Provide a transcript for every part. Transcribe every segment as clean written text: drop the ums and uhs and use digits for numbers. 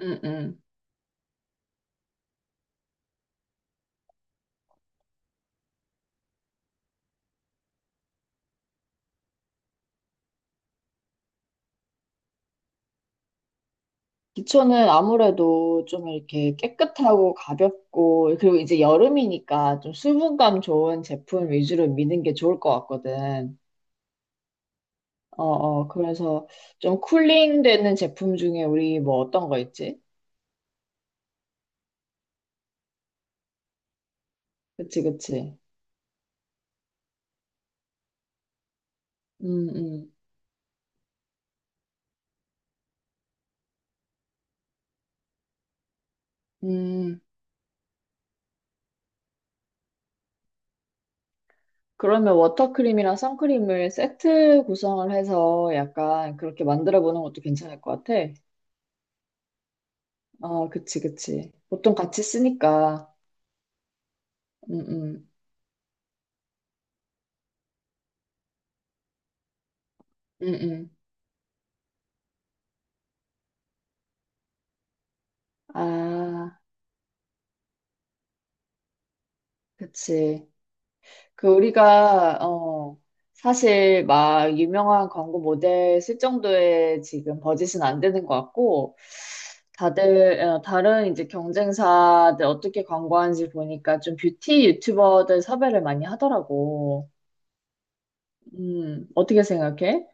음, 음. 기초는 아무래도 좀 이렇게 깨끗하고 가볍고, 그리고 이제 여름이니까 좀 수분감 좋은 제품 위주로 미는 게 좋을 것 같거든. 그래서 좀 쿨링 되는 제품 중에 우리 뭐 어떤 거 있지? 그치, 그치. 음, 음. 음, 그러면 워터크림이랑 선크림을 세트 구성을 해서 약간 그렇게 만들어 보는 것도 괜찮을 것 같아. 그치, 그치. 보통 같이 쓰니까. 음, 음. 음, 음. 아. 그치. 그 우리가 사실 막 유명한 광고 모델 쓸 정도의 지금 버짓은 안 되는 것 같고, 다들 다른 이제 경쟁사들 어떻게 광고하는지 보니까 좀 뷰티 유튜버들 섭외를 많이 하더라고. 어떻게 생각해?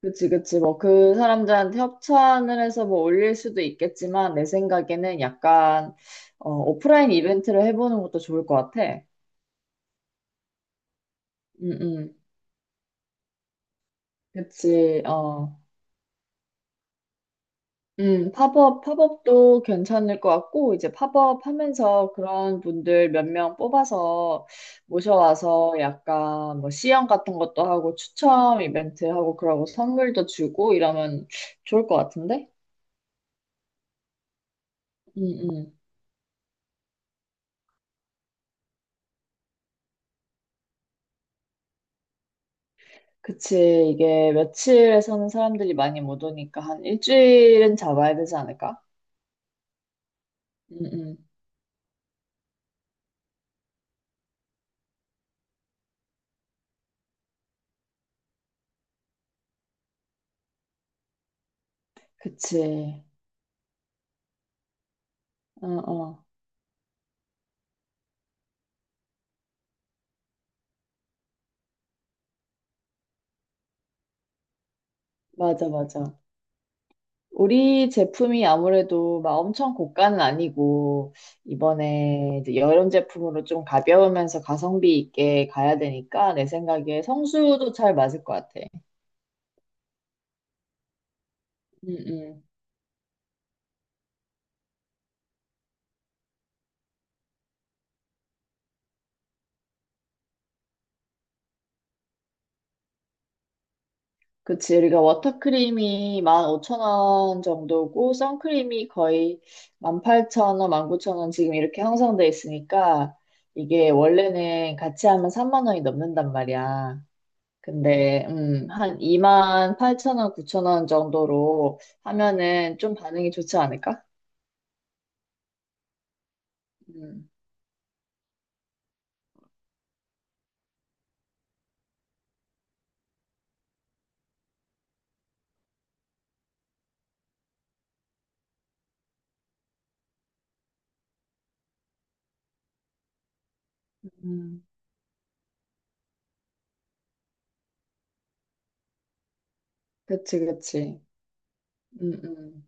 그치, 그치. 뭐 그 사람들한테 협찬을 해서 뭐 올릴 수도 있겠지만 내 생각에는 약간 오프라인 이벤트를 해보는 것도 좋을 것 같아. 응응. 그치, 어. 팝업, 팝업도 괜찮을 것 같고, 이제 팝업 하면서 그런 분들 몇 명 뽑아서 모셔와서 약간 뭐 시연 같은 것도 하고 추첨 이벤트 하고 그러고 선물도 주고 이러면 좋을 것 같은데? 음, 음. 그치, 이게 며칠에 서는 사람들이 많이 못 오니까 한 일주일은 잡아야 되지 않을까? 음, 음. 그치. 어, 어. 맞아, 맞아. 우리 제품이 아무래도 막 엄청 고가는 아니고, 이번에 이제 여름 제품으로 좀 가벼우면서 가성비 있게 가야 되니까, 내 생각에 성수도 잘 맞을 것 같아. 음, 음. 그치. 우리가 워터크림이 15,000원 정도고, 선크림이 거의 18,000원, 19,000원 지금 이렇게 형성돼 있으니까, 이게 원래는 같이 하면 3만 원이 넘는단 말이야. 근데 한 2만 8,000 원, 9천 원 정도로 하면은 좀 반응이 좋지 않을까? 음, 음, 그치, 그치. 음, 음,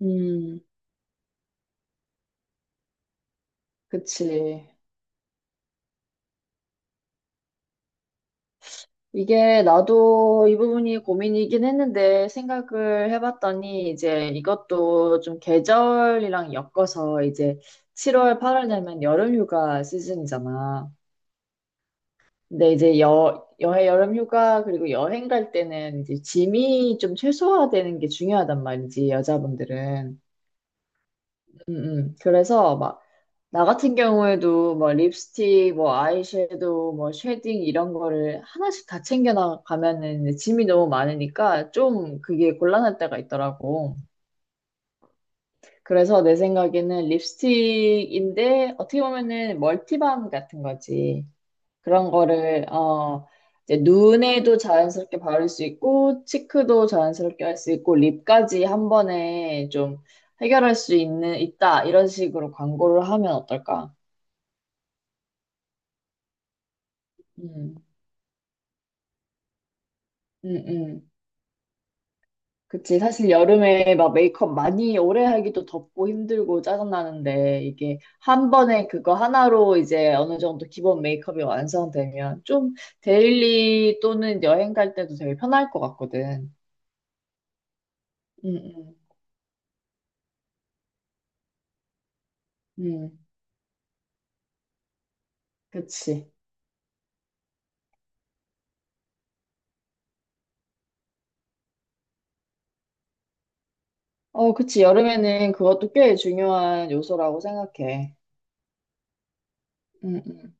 음, 그치. 이게 나도 이 부분이 고민이긴 했는데 생각을 해봤더니 이제 이것도 좀 계절이랑 엮어서, 이제 7월, 8월 되면 여름휴가 시즌이잖아. 근데 이제 여, 여해 여름 휴가 그리고 여행 갈 때는 이제 짐이 좀 최소화되는 게 중요하단 말이지, 여자분들은. 그래서 막 나 같은 경우에도 뭐 립스틱, 뭐 아이섀도우, 뭐 쉐딩 이런 거를 하나씩 다 챙겨나가면은 이제 짐이 너무 많으니까 좀 그게 곤란할 때가 있더라고. 그래서 내 생각에는 립스틱인데 어떻게 보면은 멀티밤 같은 거지. 그런 거를 이제 눈에도 자연스럽게 바를 수 있고 치크도 자연스럽게 할 수 있고 립까지 한 번에 좀 해결할 수 있는, 있다, 이런 식으로 광고를 하면 어떨까? 음, 음, 음. 그치. 사실 여름에 막 메이크업 많이 오래 하기도 덥고 힘들고 짜증나는데, 이게 한 번에 그거 하나로 이제 어느 정도 기본 메이크업이 완성되면 좀 데일리 또는 여행 갈 때도 되게 편할 것 같거든. 음, 음, 음. 그치. 그치. 여름에는 그것도 꽤 중요한 요소라고 생각해. 음, 음.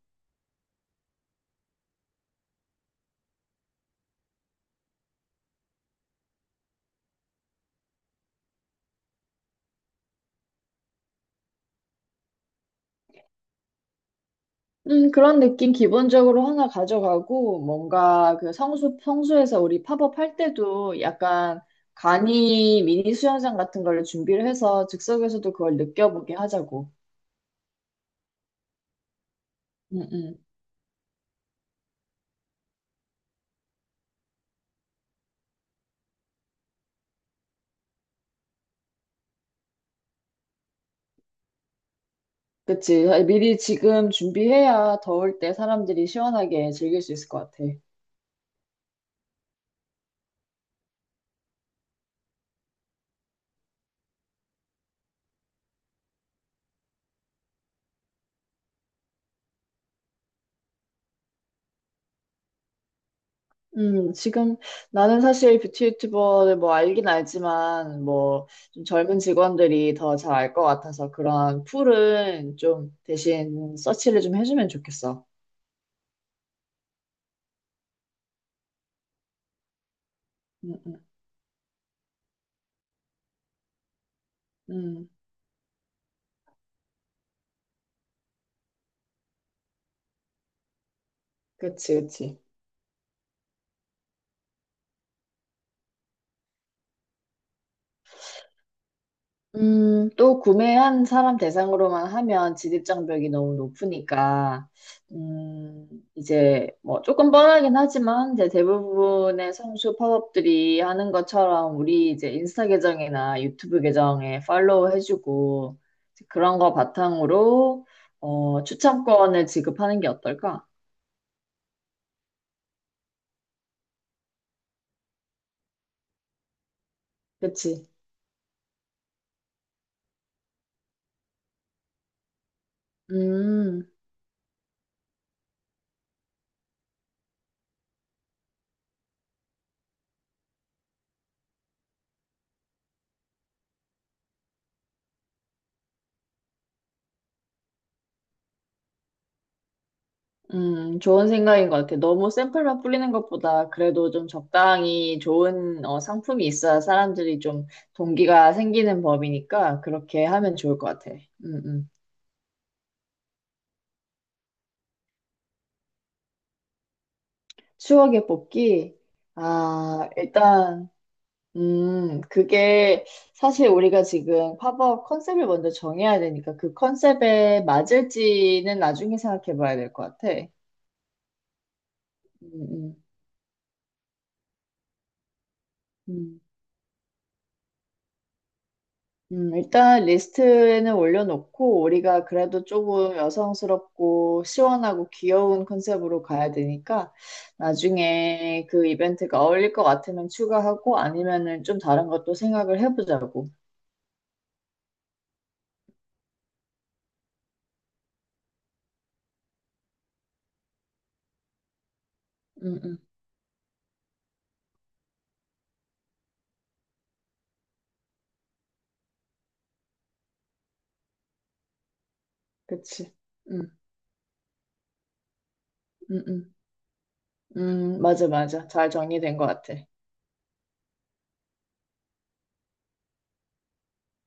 그런 느낌 기본적으로 하나 가져가고, 뭔가 그 성수, 성수에서 우리 팝업 할 때도 약간 간이 미니 수영장 같은 걸 준비를 해서 즉석에서도 그걸 느껴보게 하자고. 음, 음. 그치. 미리 지금 준비해야 더울 때 사람들이 시원하게 즐길 수 있을 것 같아. 지금 나는 사실 뷰티 유튜버를 뭐 알긴 알지만 뭐 좀 젊은 직원들이 더 잘 알 것 같아서 그런 풀은 좀 대신 서치를 좀 해주면 좋겠어. 음, 음, 음. 그치, 그치. 또 구매한 사람 대상으로만 하면 진입장벽이 너무 높으니까, 음, 이제 뭐 조금 뻔하긴 하지만, 이제 대부분의 성수 팝업들이 하는 것처럼 우리 이제 인스타 계정이나 유튜브 계정에 팔로우 해주고, 이제 그런 거 바탕으로, 추천권을 지급하는 게 어떨까? 그치? 음. 좋은 생각인 것 같아. 너무 샘플만 뿌리는 것보다 그래도 좀 적당히 좋은, 상품이 있어야 사람들이 좀 동기가 생기는 법이니까 그렇게 하면 좋을 것 같아. 음, 음. 추억의 뽑기. 아, 일단, 그게 사실 우리가 지금 팝업 컨셉을 먼저 정해야 되니까 그 컨셉에 맞을지는 나중에 생각해 봐야 될 것 같아. 음, 음. 일단 리스트에는 올려놓고 우리가 그래도 조금 여성스럽고 시원하고 귀여운 컨셉으로 가야 되니까 나중에 그 이벤트가 어울릴 것 같으면 추가하고 아니면은 좀 다른 것도 생각을 해보자고. 음, 음, 그치. 음, 음, 음, 맞아, 맞아. 잘 정리된 것 같아.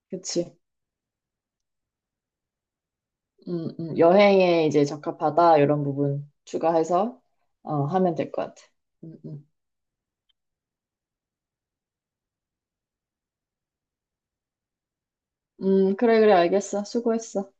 그치. 여행에 이제 적합하다 이런 부분 추가해서 하면 될 것 같아. 음, 음. 그래, 그래, 알겠어. 수고했어.